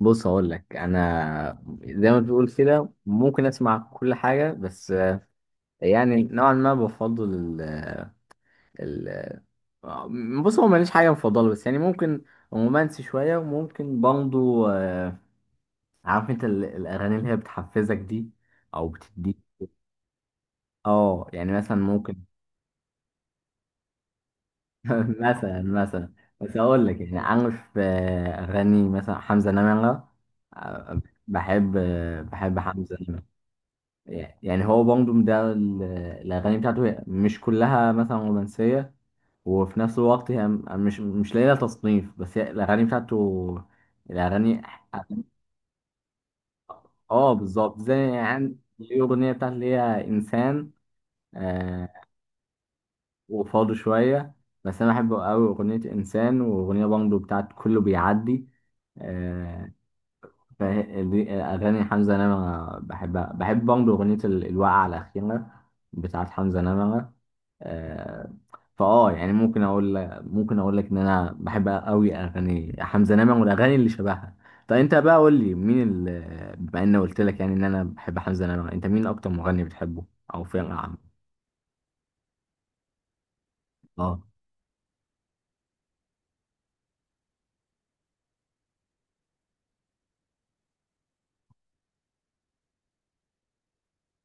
بص هقول لك انا زي ما بتقول كده ممكن اسمع كل حاجه بس يعني نوعا ما بفضل ال ال آه، بص هو ماليش حاجه مفضله بس يعني ممكن رومانسي شويه وممكن برضه عارف انت الاغاني اللي هي بتحفزك دي او بتديك اه يعني مثلا ممكن مثلا مثلا بس هقول لك يعني عارف اغاني مثلا حمزه نمره آه، بحب بحب حمزه نمرة. يعني هو بانجوم ده الأغاني بتاعته هي مش كلها مثلا رومانسية، وفي نفس الوقت هي مش لاقية لها تصنيف، بس هي الأغاني بتاعته، الأغاني. اه بالظبط زي يعني الأغنية بتاعت اللي هي إنسان. آه وفاضي شوية. بس أنا بحب أوي أغنية إنسان وأغنية بانجو بتاعت كله بيعدي آه، دي أغاني حمزة نمرة بحبها، بحب برضه أغنية الوقعة الأخيرة بتاعت حمزة نمرة آه، يعني ممكن أقول، ممكن أقول لك إن أنا بحب أوي أغاني حمزة نمرة والأغاني اللي شبهها. طب أنت بقى قول لي مين ال، بما إني قلت لك يعني إن أنا بحب حمزة نمرة، أنت مين أكتر مغني بتحبه أو فرقة عامة؟ أه.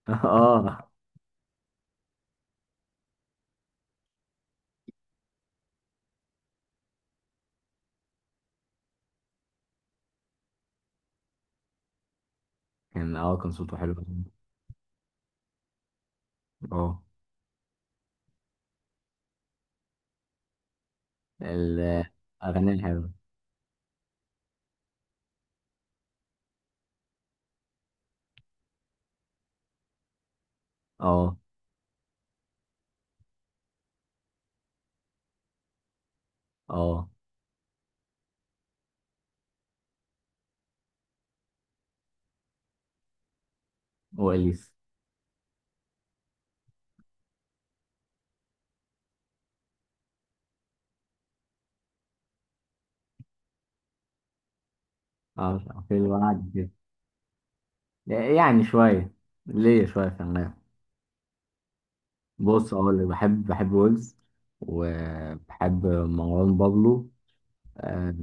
أه. كان أه كان صوته حلو. أه. الأغاني الحلوة. أه. أه. وإليس. اه، في الوعد كده، يعني شوية، ليه شوية كمان. بص اقول لك، بحب ويجز وبحب مروان بابلو آه،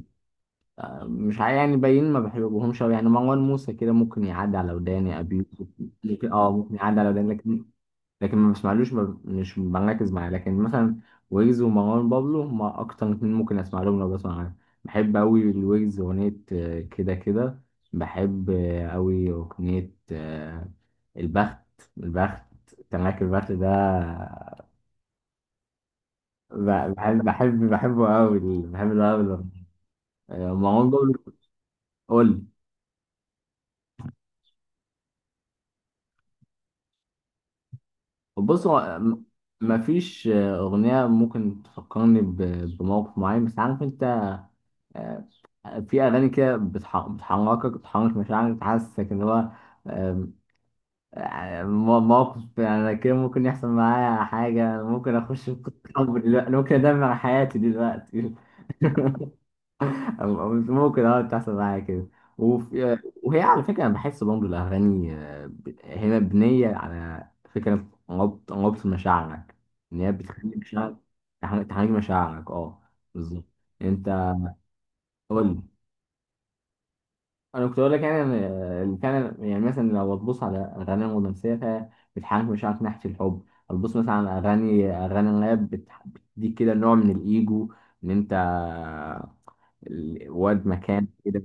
مش عا- يعني باين ما بحبهمش أوي، يعني مروان موسى كده ممكن يعدي على وداني، ابي يوسف ممكن، اه ممكن يعدي على وداني، لكن لكن ما بسمعلوش ما- مش بركز معاه. لكن مثلا ويجز ومروان بابلو هما أكتر اتنين ممكن أسمع لهم لو بسمع أغاني. بحب أوي الويجز أغنية كده كده، بحب أوي أغنية البخت البخت، تراك البخت ده، بحب بحبه أوي، بحب ده أوي. مروان بابلو. قول. بص هو مفيش أغنية ممكن تفكرني بموقف معين، بس عارف أنت آه، في اغاني كده بتحركك، بتحرك مشاعرك، بتحسسك ان هو آم، آه، مو- موقف، يعني أنا كده ممكن يحصل معايا حاجة، ممكن أخش في قصة حب دلوقتي، ممكن أدمر حياتي دلوقتي. أو ممكن أه تحصل معايا كده. وهي على فكرة أنا بحس برضه الأغاني هي مبنية على فكرة ربط مشاعرك. إن هي بتخلي مشاعرك تحرك مشاعرك، أه بالظبط. أنت قول لي. انا كنت اقول لك يعني ان إن كان، يعني مثلا لو تبص على اغاني رومانسيه فبتحاكي مشاعرك ناحيه الحب، هتبص مثلا على اغاني راب، بتديك كده نوع من الايجو، ان انت واد مكان كده.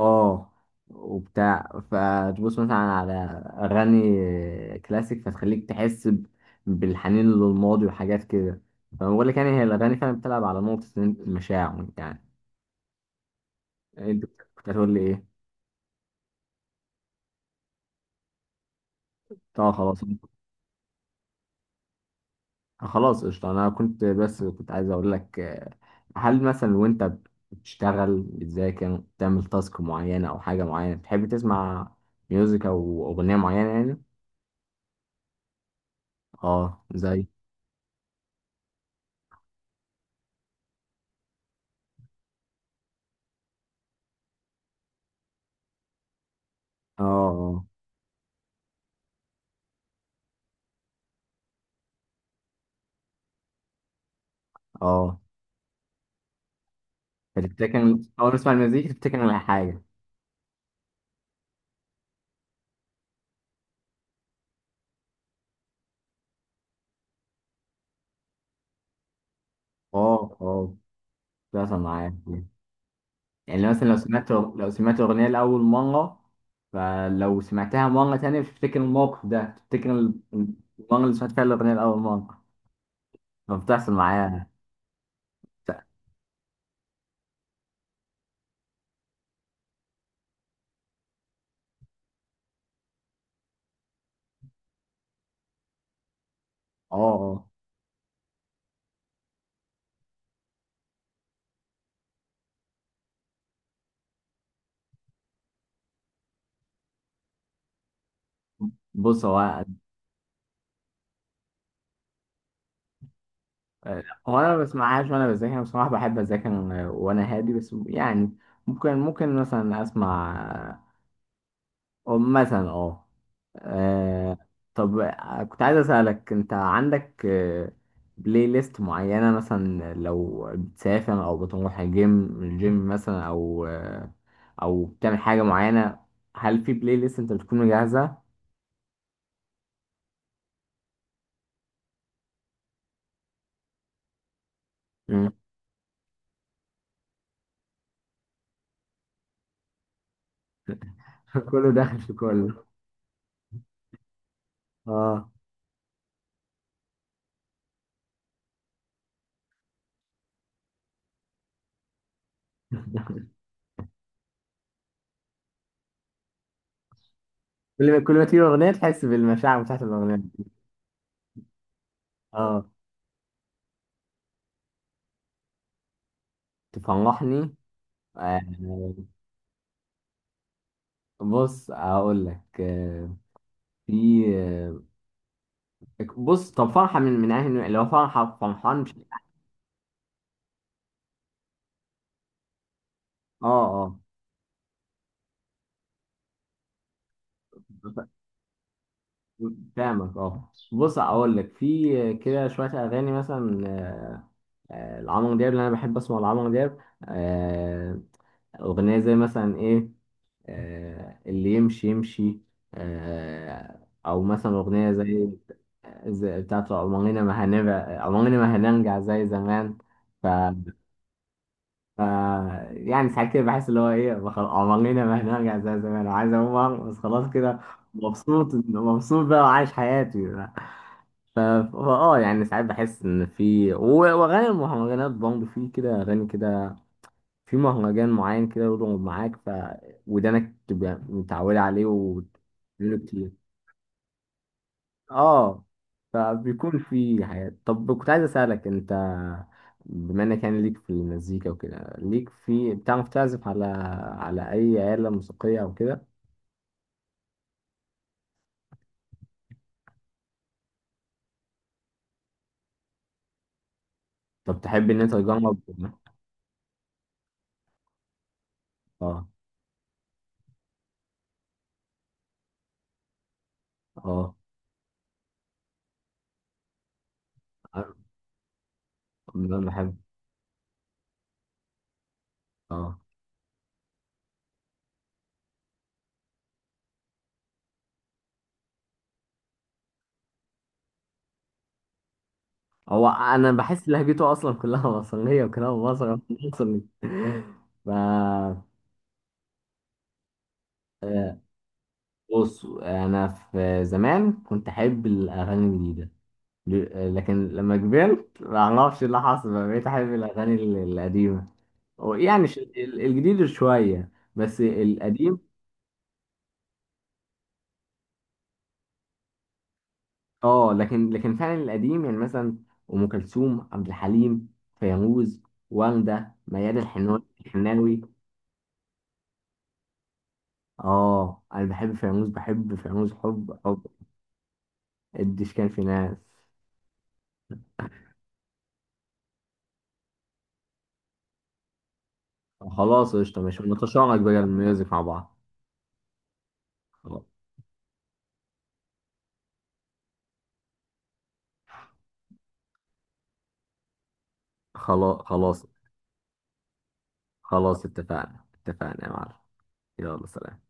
اه. وبتاع، فتبص مثلا على اغاني كلاسيك فتخليك تحس بالحنين للماضي وحاجات كده. فانا بقول لك يعني هي الاغاني فعلا بتلعب على نقطه المشاعر يعني. انت كنت هتقول لي ايه؟ اه خلاص. خلاص قشطة. أنا كنت بس كنت عايز أقول لك هل مثلا وأنت بتشتغل، بتذاكر، بتعمل تاسك معينة أو حاجة معينة، بتحب تسمع ميوزك أو أغنية معينة يعني؟ أه زي. أه أه. أه فتفتكر. أول ما تسمع المزيكا تفتكر على حاجة. أه أه. بتحصل معايا. يعني مثلا لو سمعت، لو سمعت أغنية لأول مرة، فلو سمعتها مرة تانية بتفتكر الموقف ده، بتفتكر المرة اللي سمعت فيها الأغنية لأول مرة. فبتحصل معايا. اه اه. بص هو، هو انا ما بسمعهاش وانا بذاكر، انا بصراحه بحب اذاكر وانا هادي، بس يعني ممكن، ممكن مثلا اسمع أو مثلا اه آه، طب كنت عايز اسالك انت عندك بلاي ليست معينه، مثلا لو بتسافر او بتروح الجيم مثلا او او بتعمل حاجه معينه، هل في بلاي ليست انت بتكون مجهزها؟ مم. كله داخل في كله. اه، كل ما تيجي اغنيه تحس بالمشاعر بتاعت الاغنيه دي. اه تفرحني آه، بص اقول لك آه، في آه، بص طب فرحه، من من اهل لو فرحه، فرحان مش. اه اه فاهمك. اه بص اقول لك في كده شويه اغاني مثلا لعمرو دياب، اللي انا بحب اسمع لعمرو دياب آه، اغنيه زي مثلا ايه. اللي يمشي يمشي آه، أو مثلا أغنية زي، زي بتاعت عمرنا ما هنبقى، عمرنا ما هنرجع زي زمان. ف... ف... يعني ساعات كده بحس اللي هو إيه، عمرنا ما هنرجع زي زمان، وعايز أقوم بس خلاص كده، مبسوط مبسوط بقى وعايش حياتي بقى. ف... فا اه يعني ساعات بحس ان في واغاني المهرجانات برضه، في كده اغاني كده، في مهرجان معين كده يضرب معاك، ف ودانك تبقى متعودة عليه وتقوله كتير. اه فبيكون في حاجات. طب كنت عايز أسألك انت، بما انك يعني ليك في المزيكا وكده، ليك في، بتعرف تعزف على، على اي آلة موسيقية او كده؟ طب تحب ان انت تجرب؟ اه اه انا بحب. اه. هو انا بحس لهجته اصلا كلها مصرية، وكلام مصري مصري. ف آه، بص انا في زمان كنت احب الاغاني الجديده، لكن لما كبرت ما اعرفش إيه اللي حصل بقى بقيت احب الاغاني القديمه، أو يعني الجديد شويه بس القديم. اه لكن لكن فعلا القديم، يعني مثلا ام كلثوم، عبد الحليم، فيروز، وردة، ميادة الحناوي. اه انا بحب فيروز، بحب فيروز حب حب. الدش كان في ناس. خلاص قشطه ماشي، نتشارك بقى الميوزك مع بعض. خلاص خلاص. خلاص اتفقنا اتفقنا يا معلم. يلا سلام.